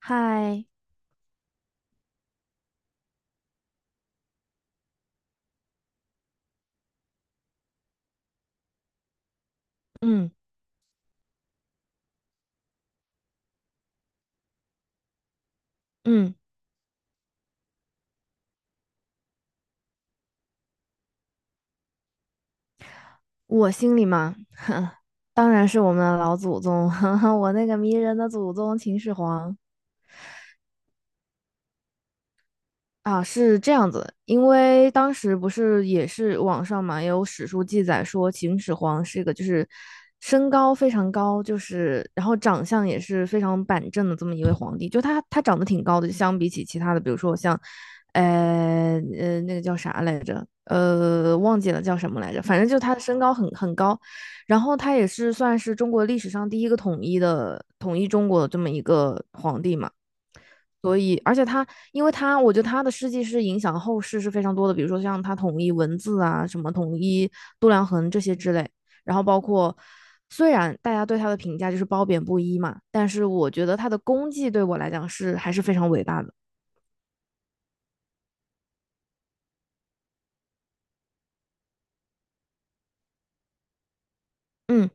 嗨，嗯嗯，我心里嘛，当然是我们的老祖宗，我那个迷人的祖宗秦始皇。啊，是这样子，因为当时不是也是网上嘛，也有史书记载说秦始皇是一个就是身高非常高，就是然后长相也是非常板正的这么一位皇帝，就他长得挺高的，就相比起其他的，比如说像，那个叫啥来着，忘记了叫什么来着，反正就他的身高很高，然后他也是算是中国历史上第一个统一中国的这么一个皇帝嘛。所以，而且他，因为他，我觉得他的事迹是影响后世是非常多的，比如说像他统一文字啊，什么统一度量衡这些之类，然后包括虽然大家对他的评价就是褒贬不一嘛，但是我觉得他的功绩对我来讲是还是非常伟大的。嗯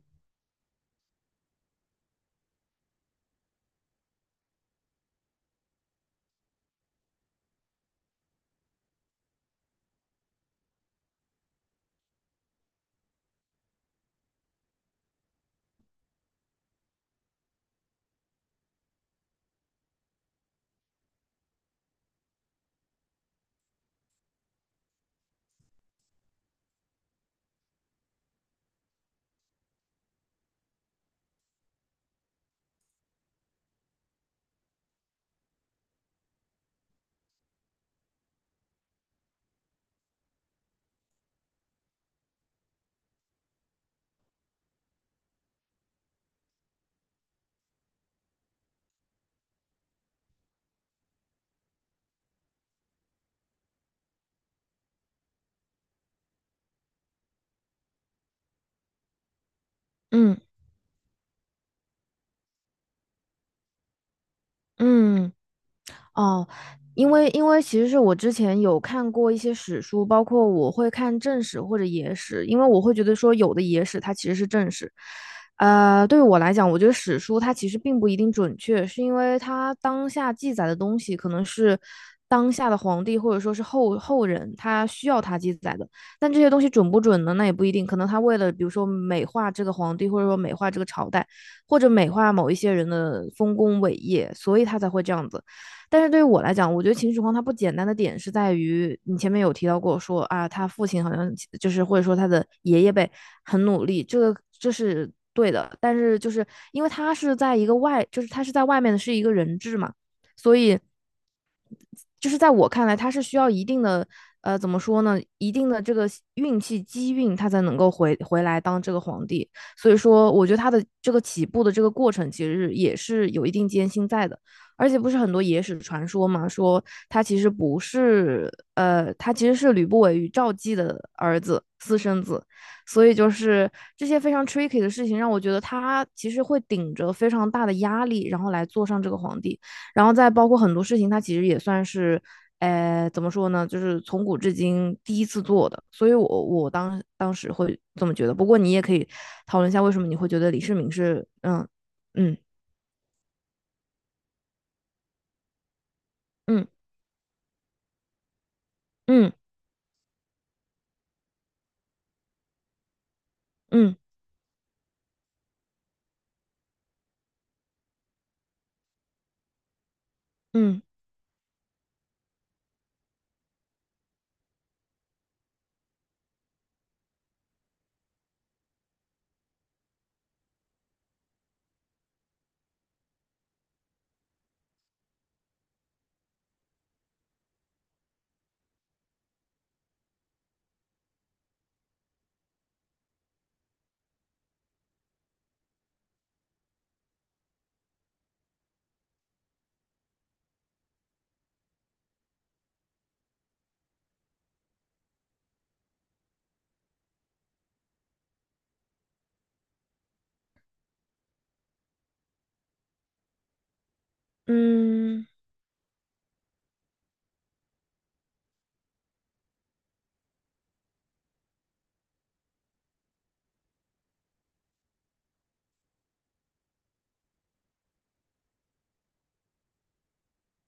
嗯嗯，哦，因为其实是我之前有看过一些史书，包括我会看正史或者野史，因为我会觉得说有的野史它其实是正史。对于我来讲，我觉得史书它其实并不一定准确，是因为它当下记载的东西可能是当下的皇帝或者说是后人他需要他记载的，但这些东西准不准呢？那也不一定，可能他为了比如说美化这个皇帝，或者说美化这个朝代，或者美化某一些人的丰功伟业，所以他才会这样子。但是对于我来讲，我觉得秦始皇他不简单的点是在于，你前面有提到过说啊，他父亲好像就是或者说他的爷爷辈很努力，这是对的。但是就是因为他是在一个外，就是他是在外面的是一个人质嘛，所以就是在我看来，他是需要一定的怎么说呢，一定的这个运气机运，他才能够回来当这个皇帝。所以说，我觉得他的这个起步的这个过程，其实也是有一定艰辛在的。而且不是很多野史传说嘛，说他其实不是，他其实是吕不韦与赵姬的儿子，私生子，所以就是这些非常 tricky 的事情，让我觉得他其实会顶着非常大的压力，然后来坐上这个皇帝。然后再包括很多事情，它其实也算是，怎么说呢，就是从古至今第一次做的，所以我当时会这么觉得。不过你也可以讨论一下，为什么你会觉得李世民是，嗯嗯嗯嗯嗯嗯嗯。嗯嗯嗯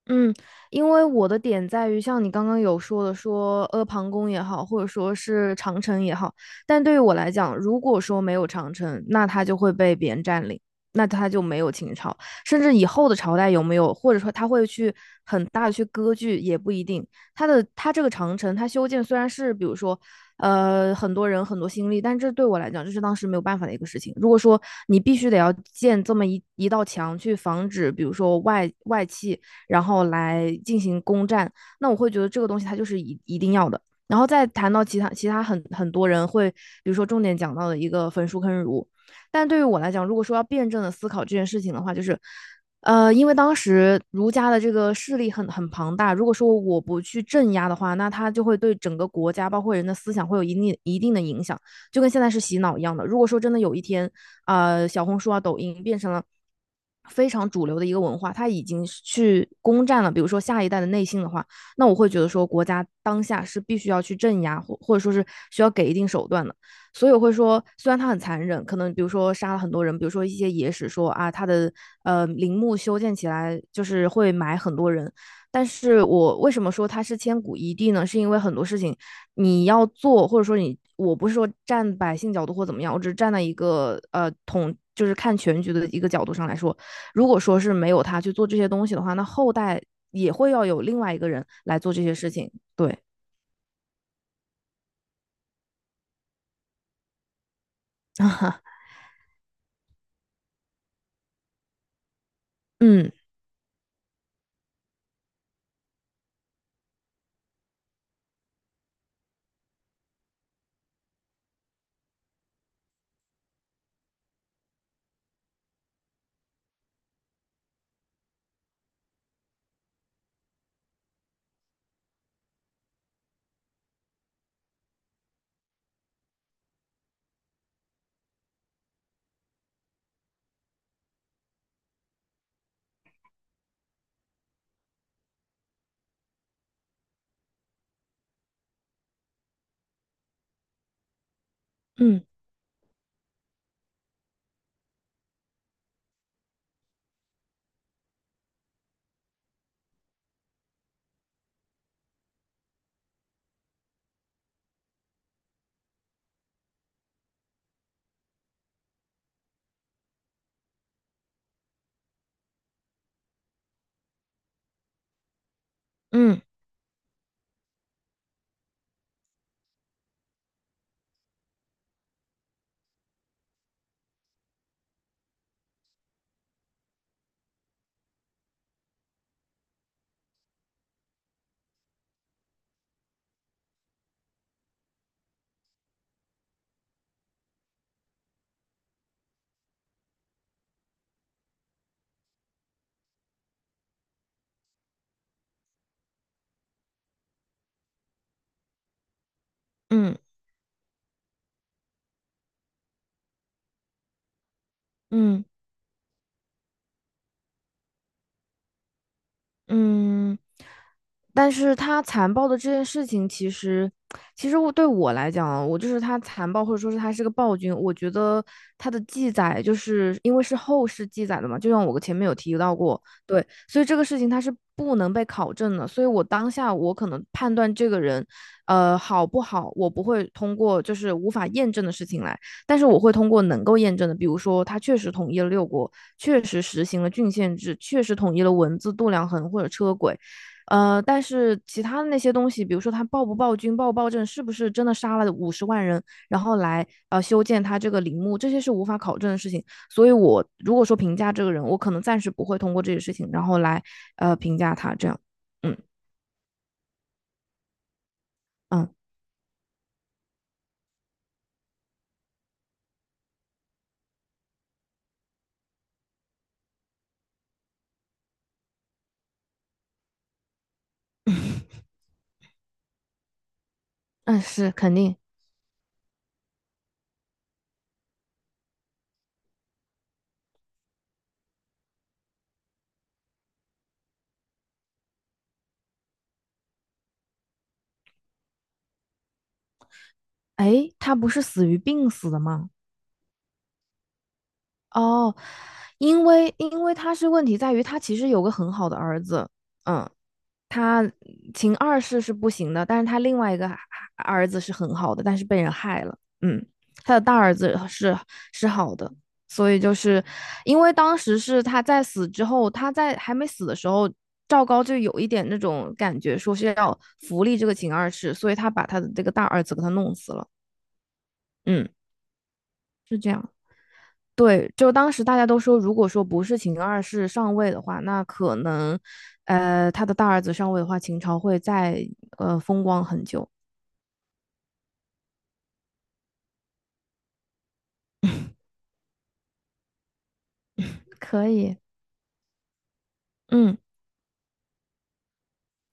嗯，因为我的点在于，像你刚刚有说的说，阿房宫也好，或者说是长城也好，但对于我来讲，如果说没有长城，那它就会被别人占领，那它就没有秦朝，甚至以后的朝代有没有，或者说它会去很大的去割据也不一定。它这个长城，它修建虽然是比如说，很多人很多心力，但这对我来讲，这是当时没有办法的一个事情。如果说你必须得要建这么一道墙去防止，比如说外戚。然后来进行攻占。那我会觉得这个东西它就是一定要的。然后再谈到其他很多人会，比如说重点讲到的一个焚书坑儒，但对于我来讲，如果说要辩证的思考这件事情的话，就是，因为当时儒家的这个势力很庞大，如果说我不去镇压的话，那它就会对整个国家包括人的思想会有一定的影响。就跟现在是洗脑一样的。如果说真的有一天，小红书啊、抖音变成了非常主流的一个文化，它已经去攻占了，比如说下一代的内心的话，那我会觉得说国家当下是必须要去镇压，或者说是需要给一定手段的。所以我会说，虽然它很残忍，可能比如说杀了很多人，比如说一些野史说啊，它的陵墓修建起来就是会埋很多人。但是我为什么说它是千古一帝呢？是因为很多事情你要做，或者说你，我不是说站百姓角度或怎么样，我只是站在一个就是看全局的一个角度上来说，如果说是没有他去做这些东西的话，那后代也会要有另外一个人来做这些事情。对，嗯嗯嗯嗯嗯。嗯，但是他残暴的这件事情，其实对我来讲啊，我就是他残暴，或者说是他是个暴君。我觉得他的记载，就是因为是后世记载的嘛，就像我前面有提到过，对，所以这个事情他是不能被考证的。所以我当下我可能判断这个人，好不好，我不会通过就是无法验证的事情来。但是我会通过能够验证的，比如说他确实统一了六国，确实实行了郡县制，确实统一了文字、度量衡或者车轨，但是其他的那些东西，比如说他暴不暴君、暴不暴政，是不是真的杀了50万人，然后来修建他这个陵墓，这些是无法考证的事情。所以我如果说评价这个人，我可能暂时不会通过这些事情，然后来评价他这样。嗯嗯嗯，是肯定。哎，他不是死于病死的吗？哦，因为他是问题在于他其实有个很好的儿子，嗯，他秦二世是不行的，但是他另外一个儿子是很好的，但是被人害了，嗯，他的大儿子是好的，所以就是因为当时是他在死之后，他在还没死的时候，赵高就有一点那种感觉，说是要扶立这个秦二世，所以他把他的这个大儿子给他弄死了，嗯，是这样。对，就当时大家都说，如果说不是秦二世上位的话，那可能，他的大儿子上位的话，秦朝会再风光很久。可以，嗯。